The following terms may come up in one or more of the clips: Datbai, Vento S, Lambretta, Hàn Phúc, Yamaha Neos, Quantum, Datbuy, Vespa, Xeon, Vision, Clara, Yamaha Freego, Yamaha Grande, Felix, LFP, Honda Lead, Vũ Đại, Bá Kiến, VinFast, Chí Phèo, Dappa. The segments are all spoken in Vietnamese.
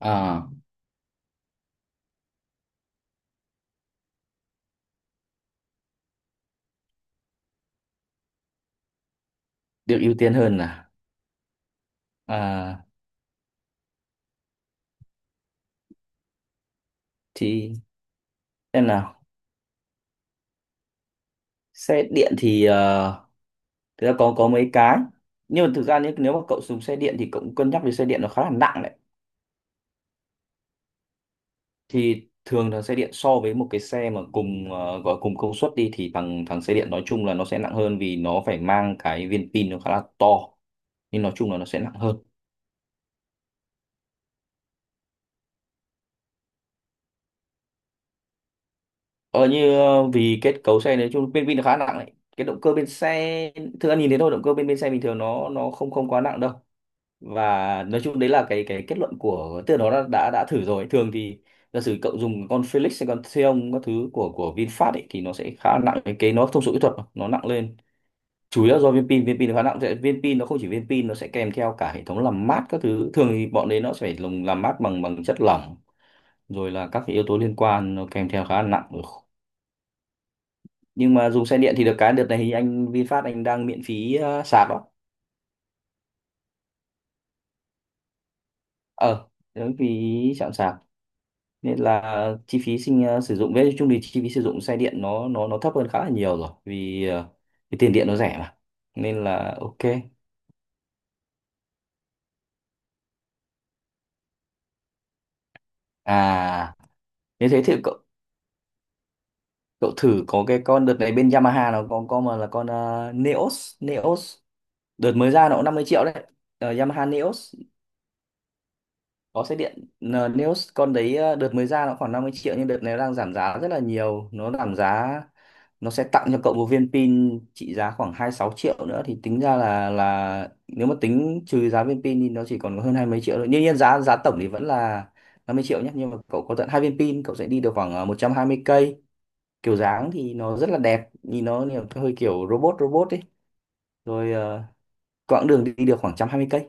À, được ưu tiên hơn à? À, thì xem nào. Xe điện thì thực ra có mấy cái. Nhưng mà thực ra nếu mà cậu dùng xe điện thì cậu cũng cân nhắc về xe điện nó khá là nặng đấy. Thì thường là xe điện so với một cái xe mà cùng gọi cùng công suất đi thì thằng thằng xe điện nói chung là nó sẽ nặng hơn, vì nó phải mang cái viên pin nó khá là to. Nhưng nói chung là nó sẽ nặng hơn. Vì kết cấu xe nói chung viên pin nó khá nặng đấy. Cái động cơ bên xe, thực ra nhìn thấy thôi, động cơ bên bên xe bình thường nó không không quá nặng đâu, và nói chung đấy là cái kết luận của, tức là nó đã thử rồi. Thường thì giả sử cậu dùng con Felix hay con Xeon các thứ của VinFast ấy, thì nó sẽ khá nặng. Cái nó thông số kỹ thuật mà, nó nặng lên chủ yếu là do viên pin nó khá nặng, viên pin nó không chỉ viên pin, nó sẽ kèm theo cả hệ thống làm mát các thứ. Thường thì bọn đấy nó sẽ phải dùng làm mát bằng bằng chất lỏng, rồi là các cái yếu tố liên quan nó kèm theo khá là nặng. Ừ. Nhưng mà dùng xe điện thì được cái đợt này thì anh VinFast anh đang miễn phí sạc đó. ờ Miễn phí chạm sạc, nên là chi phí sinh sử dụng với chung thì chi phí sử dụng xe điện nó thấp hơn khá là nhiều rồi. Vì tiền điện nó rẻ mà, nên là ok. À, nếu thế thì cậu cậu thử có cái con đợt này bên Yamaha, nó có con mà là con Neos Neos. Đợt mới ra nó cũng 50 triệu đấy. Yamaha Neos có xe điện. Neos con đấy đợt mới ra nó khoảng 50 triệu, nhưng đợt này nó đang giảm giá rất là nhiều. Nó giảm giá, nó sẽ tặng cho cậu một viên pin trị giá khoảng 26 triệu nữa, thì tính ra là nếu mà tính trừ giá viên pin thì nó chỉ còn có hơn hai mấy triệu thôi. Đương nhiên giá giá tổng thì vẫn là 50 triệu nhé, nhưng mà cậu có tận hai viên pin, cậu sẽ đi được khoảng 120 cây. Kiểu dáng thì nó rất là đẹp, nhìn nó hơi kiểu robot robot ấy. Rồi quãng đường đi được khoảng 120 cây.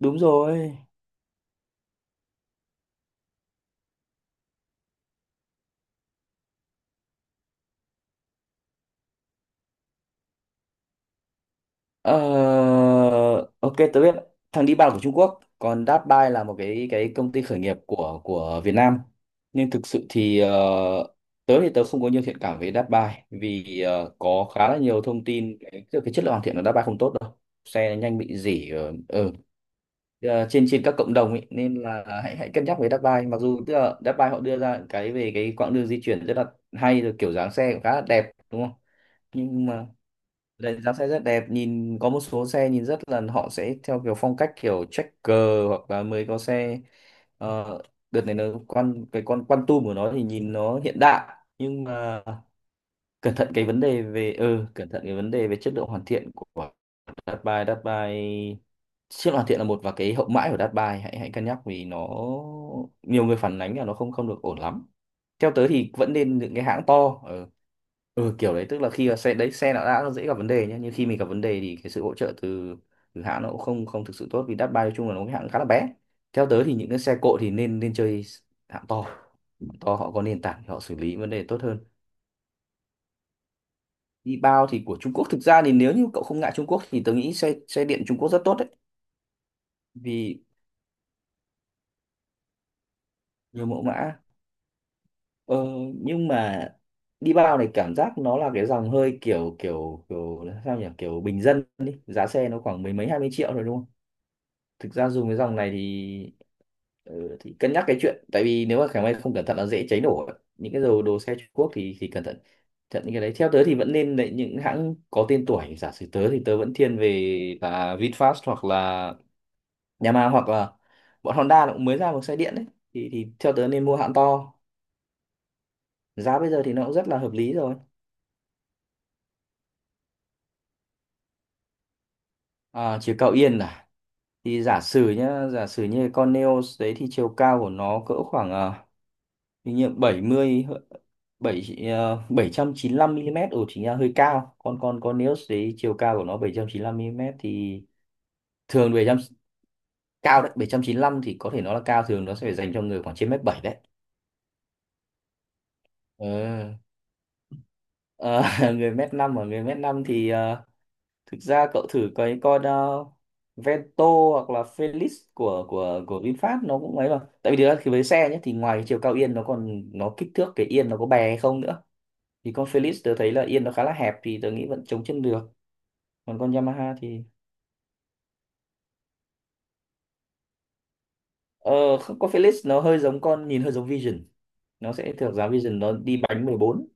Đúng rồi. Ờ, ok, tôi biết. Thằng đi bàn của Trung Quốc, còn Datbuy là một cái công ty khởi nghiệp của Việt Nam. Nhưng thực sự thì tớ thì tớ không có nhiều thiện cảm với Datbuy, vì có khá là nhiều thông tin cái chất lượng hoàn thiện của Datbuy không tốt đâu. Xe nhanh bị rỉ ở ở trên trên các cộng đồng ấy, nên là hãy hãy cân nhắc với Datbuy. Mặc dù tức là Datbuy họ đưa ra cái về cái quãng đường di chuyển rất là hay, rồi kiểu dáng xe cũng khá là đẹp, đúng không? Nhưng mà đánh giá xe rất đẹp, nhìn có một số xe nhìn rất là họ sẽ theo kiểu phong cách kiểu checker, hoặc là mới có xe ờ, đợt này nó quan cái con Quantum của nó thì nhìn nó hiện đại. Nhưng mà cẩn thận cái vấn đề về cẩn thận cái vấn đề về chất lượng hoàn thiện của Datbai Datbai. Chất lượng hoàn thiện là một, và cái hậu mãi của Datbai, hãy hãy cân nhắc vì nó nhiều người phản ánh là nó không không được ổn lắm. Theo tớ thì vẫn nên những cái hãng to. Ờ, ừ, kiểu đấy, tức là khi mà xe đấy, xe nó đã dễ gặp vấn đề nhé, nhưng khi mình gặp vấn đề thì cái sự hỗ trợ từ từ hãng nó cũng không không thực sự tốt, vì Dashby nói chung là nó cái hãng khá là bé. Theo tớ thì những cái xe cộ thì nên nên chơi hãng to. Hãng to họ có nền tảng thì họ xử lý vấn đề tốt hơn. Đi bao thì của Trung Quốc, thực ra thì nếu như cậu không ngại Trung Quốc thì tớ nghĩ xe xe điện Trung Quốc rất tốt đấy, vì nhiều mẫu mã. ờ, nhưng mà đi bao này cảm giác nó là cái dòng hơi kiểu kiểu kiểu sao nhỉ, kiểu bình dân đi, giá xe nó khoảng mười mấy 20 triệu rồi, đúng không? Thực ra dùng cái dòng này thì ừ, thì cân nhắc cái chuyện, tại vì nếu mà khả may không cẩn thận là dễ cháy nổ ấy. Những cái đồ đồ xe Trung Quốc thì cẩn thận thận những cái đấy. Theo tớ thì vẫn nên lấy những hãng có tên tuổi. Giả sử tớ thì tớ vẫn thiên về là VinFast, hoặc là Yamaha, hoặc là bọn Honda nó cũng mới ra một xe điện đấy. Thì Theo tớ nên mua hãng to. Giá bây giờ thì nó cũng rất là hợp lý rồi. À, chiều cao yên à? Thì giả sử như con Neos đấy thì chiều cao của nó cỡ khoảng hình như ờ, 70 7 795 mm. Ồ, chính là hơi cao. Còn còn còn nếu đấy chiều cao của nó 795 mm thì thường bảy trăm, cao đấy, 795 thì có thể nó là cao, thường nó sẽ phải dành cho người khoảng trên mét 7 đấy. Ờ. Ờ, Người mét năm, và người mét 5 thì thực ra cậu thử cái con Vento hoặc là Felix của VinFast, nó cũng ấy mà. Tại vì thực ra khi với xe nhé, thì ngoài chiều cao yên nó còn nó kích thước cái yên nó có bè hay không nữa. Thì con Felix tớ thấy là yên nó khá là hẹp, thì tớ nghĩ vẫn chống chân được. Còn con Yamaha thì ờ không, con Felix nó hơi giống con, nhìn hơi giống Vision. Nó sẽ thuộc giá Vision, nó đi bánh mười bốn,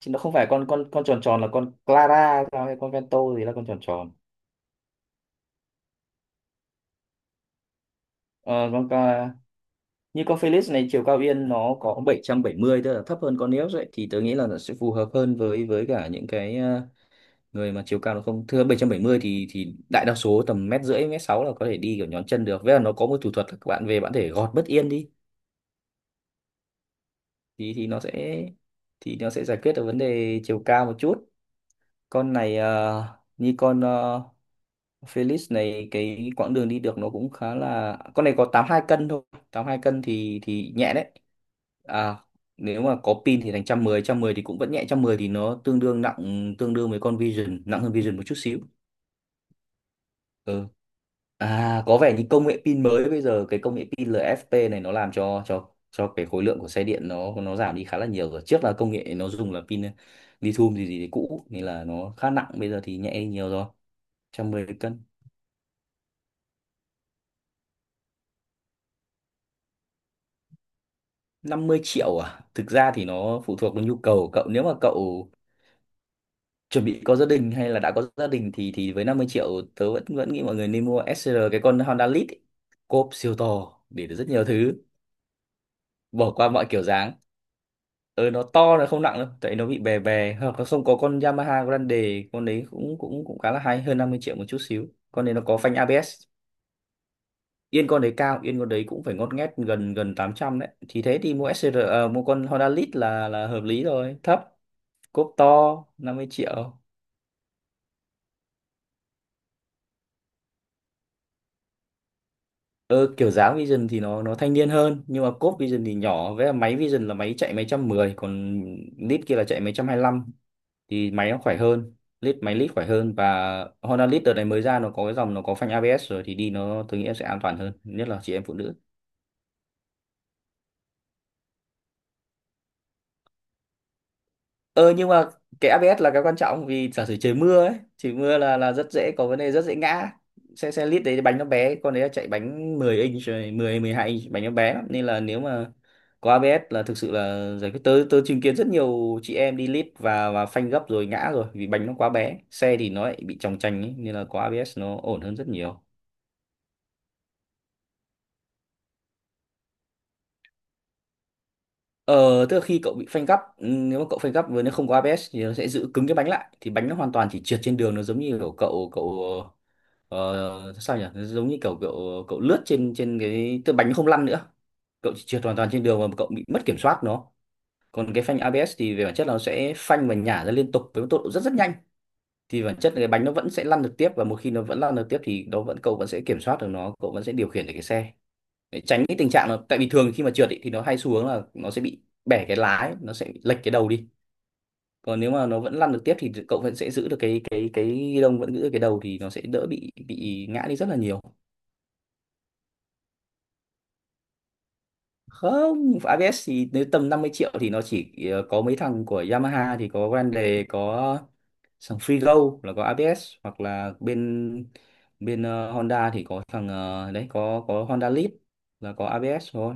chứ nó không phải con tròn tròn. Là con Clara sao, hay con Vento gì là con tròn tròn? Ờ, con Clara. Như con Felix này, chiều cao yên nó có bảy 770, tức là thấp hơn con Neos ấy, thì tớ nghĩ là nó sẽ phù hợp hơn với cả những cái người mà chiều cao nó không thưa 770, thì đại đa số tầm mét rưỡi, mét sáu là có thể đi kiểu nhón chân được. Với là nó có một thủ thuật là các bạn về, bạn có thể gọt bất yên đi, thì thì nó sẽ giải quyết được vấn đề chiều cao một chút. Con này như con Felix này, cái quãng đường đi được nó cũng khá là, con này có 82 cân thôi. 82 cân thì nhẹ đấy. à Nếu mà có pin thì thành 110. 110 thì cũng vẫn nhẹ. 110 thì nó tương đương nặng, tương đương với con Vision, nặng hơn Vision một chút xíu. Ừ. À, có vẻ như công nghệ pin mới bây giờ, cái công nghệ pin LFP này, nó làm cho cái khối lượng của xe điện nó giảm đi khá là nhiều rồi. Trước là công nghệ nó dùng là pin lithium gì gì thì cũ, nên là nó khá nặng. Bây giờ thì nhẹ đi nhiều rồi. 110 cân, 50 triệu à? Thực ra thì nó phụ thuộc vào nhu cầu của cậu. Nếu mà cậu chuẩn bị có gia đình hay là đã có gia đình, thì với 50 triệu, tớ vẫn vẫn nghĩ mọi người nên mua SR cái con Honda Lead ấy. Cốp siêu to để được rất nhiều thứ, bỏ qua mọi kiểu dáng. Ừ, nó to nó không nặng đâu tại nó bị bè bè. Hoặc là không, có con Yamaha Grande, con đấy cũng cũng cũng khá là hay, hơn 50 triệu một chút xíu, con đấy nó có phanh ABS. Yên con đấy cao, yên con đấy cũng phải ngót nghét gần gần 800 đấy, thì thế thì mua SR, mua con Honda Lead là hợp lý rồi, thấp, cốp to, 50 triệu. Ờ, Kiểu dáng Vision thì nó thanh niên hơn, nhưng mà cốp Vision thì nhỏ, với lại máy Vision là máy chạy mấy trăm mười, còn Lead kia là chạy mấy trăm hai lăm, thì máy nó khỏe hơn, lít máy lít khỏe hơn. Và Honda Lead đợt này mới ra nó có cái dòng nó có phanh ABS rồi, thì đi nó tôi nghĩ em sẽ an toàn hơn, nhất là chị em phụ nữ. Ờ nhưng mà cái ABS là cái quan trọng, vì giả sử trời mưa ấy, trời mưa là rất dễ có vấn đề, rất dễ ngã xe. Lít đấy bánh nó bé, con đấy là chạy bánh 10 inch rồi, 10 12 inch, bánh nó bé lắm. Nên là nếu mà có ABS là thực sự là giải quyết. Tớ tớ chứng kiến rất nhiều chị em đi lít và phanh gấp rồi ngã rồi, vì bánh nó quá bé, xe thì nó lại bị chòng chành ấy, nên là có ABS nó ổn hơn rất nhiều. Ờ, tức là khi cậu bị phanh gấp, nếu mà cậu phanh gấp với nó không có ABS thì nó sẽ giữ cứng cái bánh lại, thì bánh nó hoàn toàn chỉ trượt trên đường, nó giống như kiểu cậu cậu sao nhỉ, nó giống như kiểu cậu cậu lướt trên trên cái, tức là bánh nó không lăn nữa, cậu chỉ trượt hoàn toàn trên đường và cậu bị mất kiểm soát nó. Còn cái phanh ABS thì về bản chất là nó sẽ phanh và nhả ra liên tục với một tốc độ rất rất nhanh, thì bản chất là cái bánh nó vẫn sẽ lăn được tiếp, và một khi nó vẫn lăn được tiếp thì nó vẫn, cậu vẫn sẽ kiểm soát được nó, cậu vẫn sẽ điều khiển được cái xe, để tránh cái tình trạng là, tại vì thường khi mà trượt ý, thì nó hay xu hướng là nó sẽ bị bẻ cái lái, nó sẽ bị lệch cái đầu đi. Còn nếu mà nó vẫn lăn được tiếp thì cậu vẫn sẽ giữ được cái ghi lông, vẫn giữ được cái đầu, thì nó sẽ đỡ bị ngã đi rất là nhiều. Không ABS thì nếu tầm 50 triệu thì nó chỉ, có mấy thằng của Yamaha thì có Grande, có thằng Freego là có ABS, hoặc là bên bên Honda thì có thằng, đấy, có Honda Lead là có ABS thôi.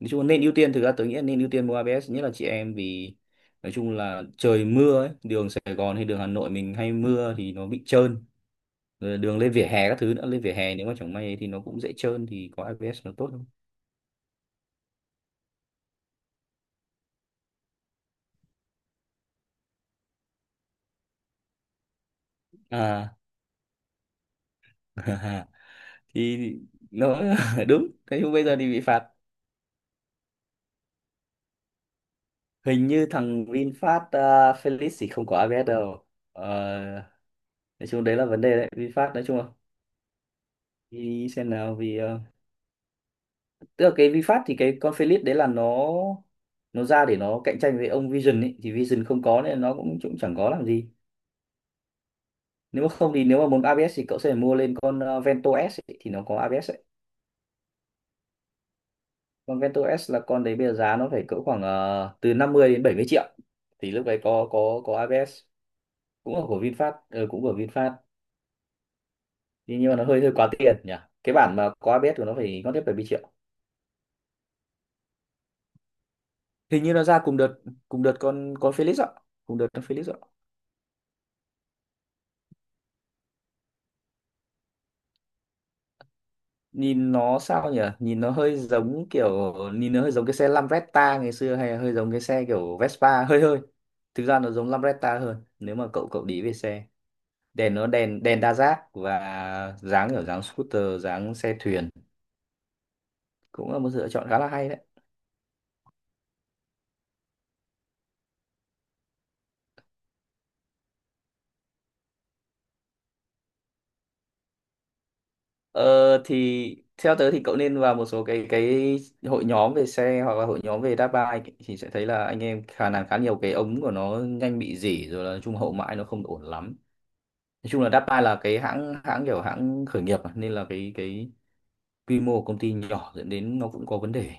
Nói chung là nên ưu tiên, thực ra tớ nghĩ là nên ưu tiên mua ABS, nhất là chị em, vì nói chung là trời mưa ấy, đường Sài Gòn hay đường Hà Nội mình hay mưa thì nó bị trơn, rồi đường lên vỉa hè các thứ nữa, lên vỉa hè nếu mà chẳng may thì nó cũng dễ trơn, thì có ABS nó tốt hơn. À, thì nó đúng thế, nhưng bây giờ thì bị phạt. Hình như thằng VinFast à, Felix thì không có ABS đâu. Ờ, nói chung đấy là vấn đề đấy, VinFast nói chung là, đi xem nào, vì tức là cái VinFast thì cái con Felix đấy là nó ra để nó cạnh tranh với ông Vision ấy, thì Vision không có nên nó cũng cũng chẳng có làm gì. Nếu mà không thì nếu mà muốn ABS thì cậu sẽ phải mua lên con, Vento S ấy, thì nó có ABS ấy. Con Vento S là con đấy bây giờ giá nó phải cỡ khoảng, từ 50 đến 70 triệu, thì lúc đấy có ABS, cũng là của VinFast, cũng của VinFast. Thế nhưng mà nó hơi hơi quá tiền nhỉ, cái bản mà có ABS của nó phải ngót tiếp 70 triệu. Hình như nó ra cùng đợt, cùng đợt con Felix ạ, cùng đợt con Felix ạ. Nhìn nó sao nhỉ, nhìn nó hơi giống kiểu, nhìn nó hơi giống cái xe Lambretta ngày xưa, hay là hơi giống cái xe kiểu Vespa, hơi hơi, thực ra nó giống Lambretta hơn. Nếu mà cậu cậu để ý về xe, đèn nó đèn, đa giác, và dáng kiểu dáng scooter, dáng xe thuyền, cũng là một sự lựa chọn khá là hay đấy. Ờ thì theo tớ thì cậu nên vào một số cái hội nhóm về xe, hoặc là hội nhóm về đá bike, thì sẽ thấy là anh em khả năng khá nhiều cái ống của nó nhanh bị rỉ, rồi là trung hậu mãi nó không ổn lắm. Nói chung là Dappa là cái hãng hãng kiểu hãng khởi nghiệp mà, nên là cái quy mô của công ty nhỏ dẫn đến nó cũng có vấn đề.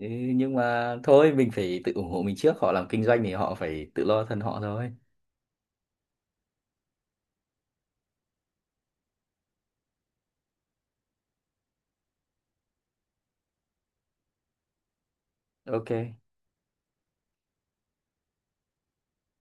Thế nhưng mà thôi, mình phải tự ủng hộ mình trước, họ làm kinh doanh thì họ phải tự lo thân họ thôi. Ok.